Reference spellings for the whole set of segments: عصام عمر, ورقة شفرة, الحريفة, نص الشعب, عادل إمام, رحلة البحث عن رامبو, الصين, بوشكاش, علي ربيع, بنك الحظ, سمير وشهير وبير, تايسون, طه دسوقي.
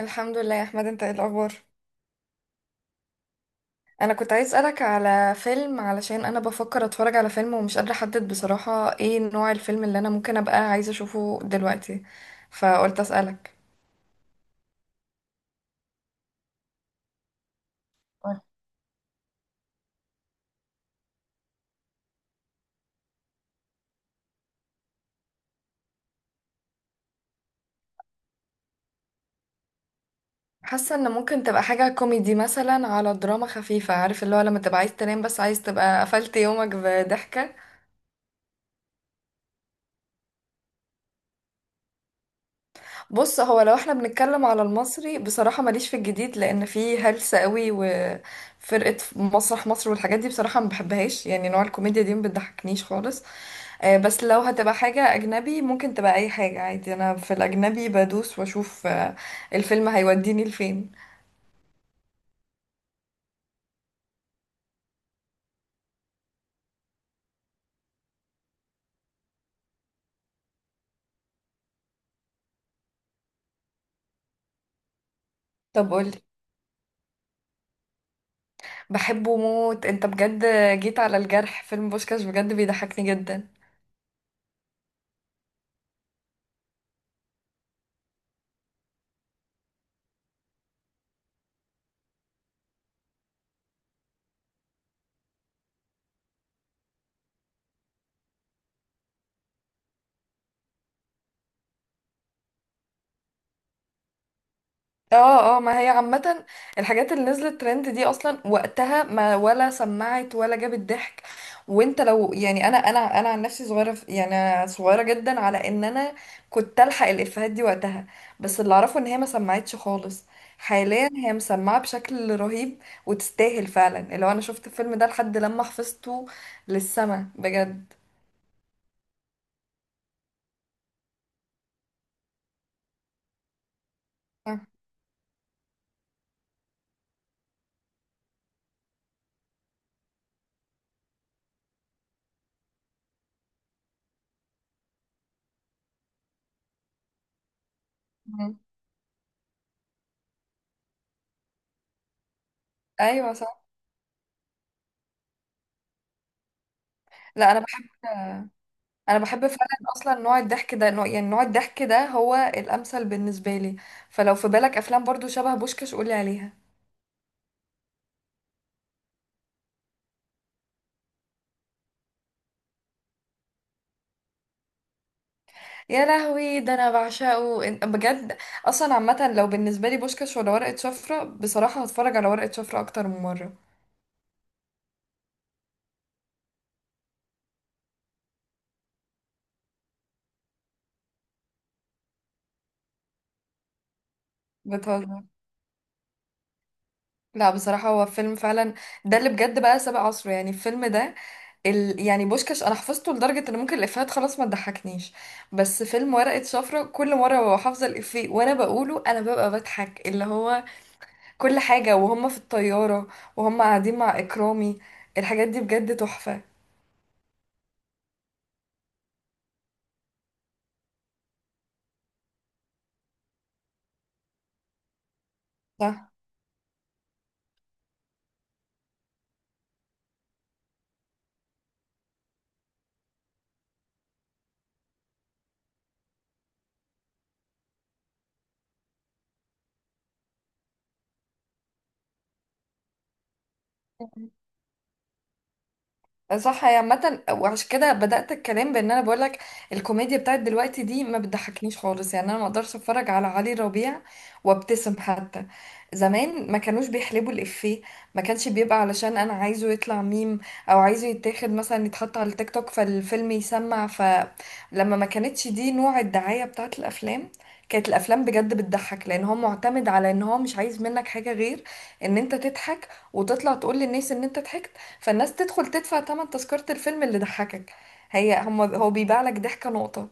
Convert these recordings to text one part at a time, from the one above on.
الحمد لله يا احمد، انت ايه الاخبار؟ انا كنت عايز اسالك على فيلم، علشان انا بفكر اتفرج على فيلم ومش قادره احدد بصراحه ايه نوع الفيلم اللي انا ممكن ابقى عايزه اشوفه دلوقتي، فقلت اسالك. قول. حاسه ان ممكن تبقى حاجه كوميدي مثلا، على دراما خفيفه، عارف اللي هو لما تبقى عايز تنام بس عايز تبقى قفلت يومك بضحكه. بص، هو لو احنا بنتكلم على المصري بصراحه ماليش في الجديد، لان فيه هلس قوي وفرقه مسرح مصر والحاجات دي بصراحه ما بحبهاش، يعني نوع الكوميديا دي ما بتضحكنيش خالص. بس لو هتبقى حاجة أجنبي ممكن تبقى أي حاجة عادي، أنا في الأجنبي بدوس وأشوف الفيلم هيوديني لفين. طب قولي. بحبه موت أنت بجد. جيت على الجرح، فيلم بوشكاش بجد بيضحكني جدا. اه، اه، ما هي عامة الحاجات اللي نزلت ترند دي اصلا وقتها ما ولا سمعت ولا جابت ضحك. وانت لو يعني انا عن نفسي صغيرة يعني أنا صغيرة جدا على ان انا كنت الحق الافيهات دي وقتها. بس اللي اعرفه ان هي ما سمعتش خالص، حاليا هي مسمعة بشكل رهيب، وتستاهل فعلا. اللي هو انا شفت الفيلم ده لحد لما حفظته للسما بجد. آه. مم. ايوه صح. لا، انا بحب. انا بحب فعلا اصلا نوع الضحك ده، نوع، يعني نوع الضحك ده هو الامثل بالنسبه لي. فلو في بالك افلام برضو شبه بوشكاش قولي عليها. يا لهوي، ده انا بعشقه بجد. اصلا عامه لو بالنسبه لي بوشكاش ولا ورقه شفره، بصراحه هتفرج على ورقه شفره اكتر من مره. بتهزر. لا بصراحه هو فيلم فعلا، ده اللي بجد بقى سابق عصره يعني الفيلم ده. يعني بوشكاش انا حفظته لدرجه ان ممكن الافيهات خلاص ما تضحكنيش، بس فيلم ورقه شفره كل مره ببقى حافظه الافيه وانا بقوله، انا ببقى بضحك. اللي هو كل حاجة، وهم في الطيارة، وهم قاعدين مع إكرامي، الحاجات دي بجد تحفة. صح، صح. هي عامة وعشان كده بدأت الكلام بان انا بقولك الكوميديا بتاعت دلوقتي دي ما بتضحكنيش خالص، يعني انا ما اقدرش اتفرج على علي ربيع وابتسم حتى. زمان ما كانوش بيحلبوا الإفيه، ما كانش بيبقى علشان انا عايزه يطلع ميم او عايزه يتاخد مثلا يتحط على التيك توك فالفيلم يسمع، فلما ما كانتش دي نوع الدعاية بتاعت الافلام. كانت الافلام بجد بتضحك لان هو معتمد على ان هو مش عايز منك حاجة غير ان انت تضحك وتطلع تقول للناس ان انت ضحكت، فالناس تدخل تدفع تمن تذكرة الفيلم اللي ضحكك. هي هم هو بيبيع لك ضحكة نقطة.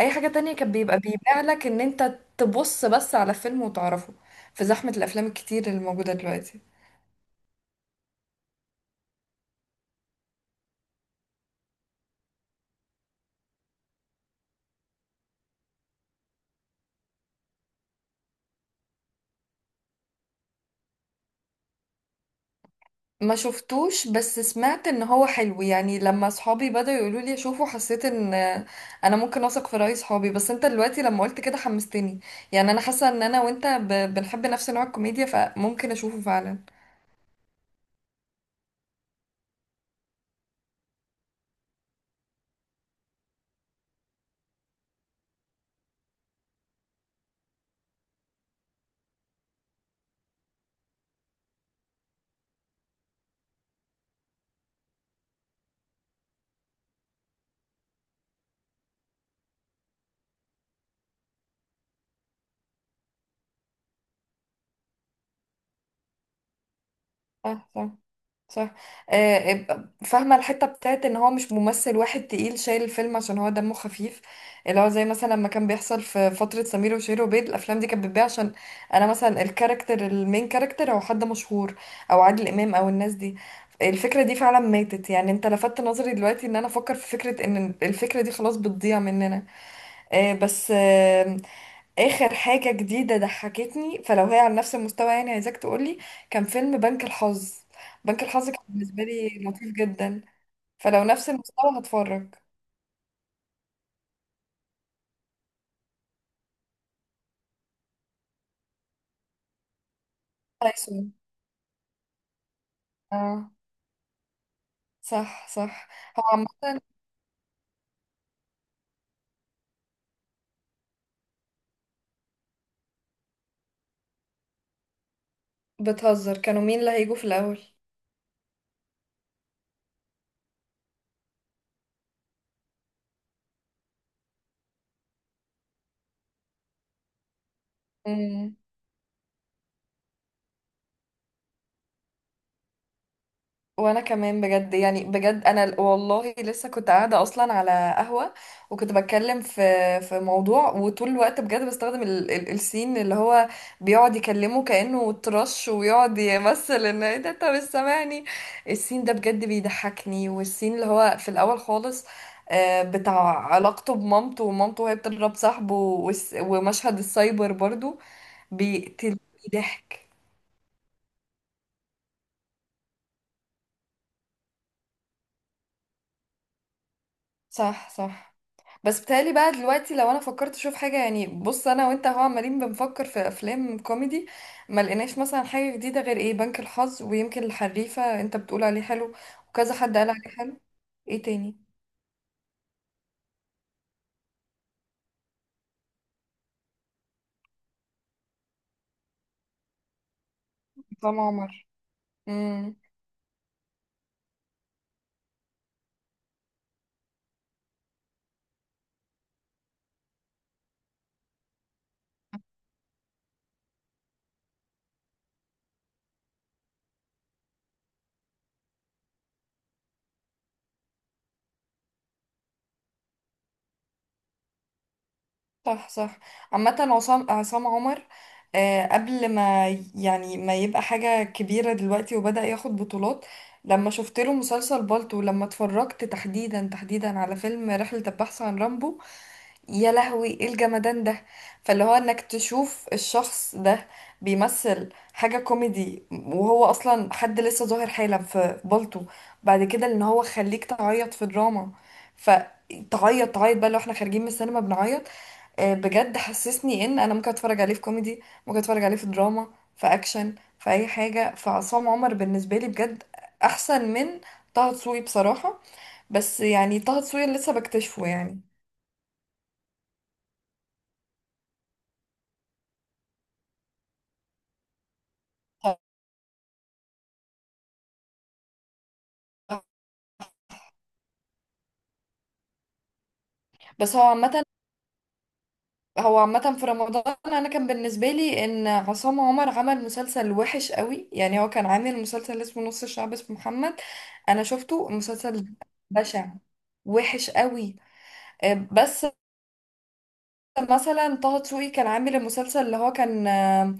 أي حاجة تانية كان بيبقى بيبيع لك إن أنت تبص بس على فيلم وتعرفه في زحمة الأفلام الكتير اللي موجودة دلوقتي. ما شفتوش بس سمعت إن هو حلو، يعني لما صحابي بدأوا يقولوا لي أشوفه حسيت إن أنا ممكن أثق في رأي صحابي، بس أنت دلوقتي لما قلت كده حمستني. يعني أنا حاسة إن أنا وأنت بنحب نفس نوع الكوميديا، فممكن أشوفه فعلا. صح، صح، صح. فاهمة الحتة بتاعت ان هو مش ممثل واحد تقيل شايل الفيلم عشان هو دمه خفيف. اللي هو زي مثلا لما كان بيحصل في فترة سمير وشهير وبير الافلام دي كانت بتبيع عشان انا مثلا الكاركتر المين كاركتر هو حد مشهور، او عادل امام، او الناس دي. الفكرة دي فعلا ماتت، يعني انت لفتت نظري دلوقتي ان انا افكر في فكرة ان الفكرة دي خلاص بتضيع مننا. بس اخر حاجة جديدة ضحكتني، فلو هي على نفس المستوى يعني عايزاك تقولي. كان فيلم بنك الحظ. بنك الحظ كان بالنسبة لي لطيف جدا، فلو نفس المستوى هتفرج. تايسون. اه. صح، صح. هو عامة. بتهزر، كانوا مين اللي هيجوا في الأول؟ وانا كمان بجد، يعني بجد انا والله لسه كنت قاعده اصلا على قهوه، وكنت بتكلم في موضوع، وطول الوقت بجد بستخدم ال السين اللي هو بيقعد يكلمه كانه ترش ويقعد يمثل ان ايه ده انت مش سامعني. السين ده بجد بيضحكني، والسين اللي هو في الاول خالص، بتاع علاقته بمامته ومامته وهي بتضرب صاحبه، ومشهد السايبر برضو بيقتل ضحك. صح، صح. بس بتهيألي بقى دلوقتي لو انا فكرت اشوف حاجه، يعني بص انا وانت هو عمالين بنفكر في افلام كوميدي ما لقيناش مثلا حاجه جديده غير ايه بنك الحظ ويمكن الحريفه انت بتقول عليه حلو وكذا حد قال عليه حلو. ايه تاني؟ عصام عمر. امم. صح، صح، عامه عصام عمر. قبل ما يعني ما يبقى حاجه كبيره دلوقتي وبدأ ياخد بطولات، لما شفت له مسلسل بالطو، لما اتفرجت تحديدا تحديدا على فيلم رحله البحث عن رامبو، يا لهوي ايه الجمدان ده. فاللي هو انك تشوف الشخص ده بيمثل حاجة كوميدي وهو اصلا حد لسه ظاهر حالا في بلطو، بعد كده ان هو خليك تعيط في دراما، فتعيط تعيط بقى لو احنا خارجين من السينما بنعيط. بجد حسسني ان انا ممكن اتفرج عليه في كوميدي، ممكن اتفرج عليه في دراما، في اكشن، في اي حاجة. فعصام عمر بالنسبة لي بجد احسن من طه دسوقي بصراحة، بس يعني طه دسوقي لسه بكتشفه يعني. بس هو عامة في رمضان انا كان بالنسبة لي ان عصام عمر عمل مسلسل وحش قوي، يعني هو كان عامل مسلسل اسمه نص الشعب اسمه محمد. انا شفته مسلسل بشع، وحش قوي. بس مثلا طه دسوقي كان عامل المسلسل اللي هو كان آه،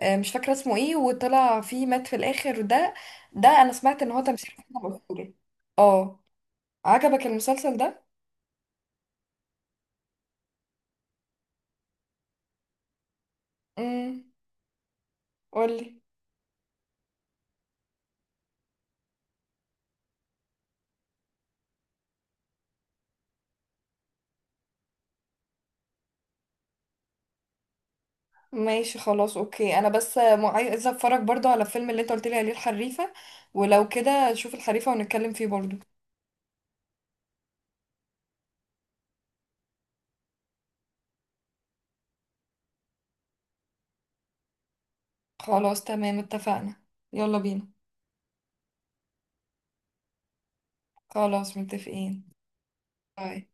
آه، مش فاكرة اسمه ايه، وطلع فيه مات في الاخر ده. ده انا سمعت ان هو تمثيل أسطوري. اه. عجبك المسلسل ده؟ امم. قولي. ماشي خلاص اوكي، انا بس عايزه اتفرج برضو على الفيلم اللي انت قلت لي عليه الحريفه، ولو كده نشوف الحريفه ونتكلم فيه برضو. خلاص تمام اتفقنا. يلا بينا. خلاص متفقين. باي.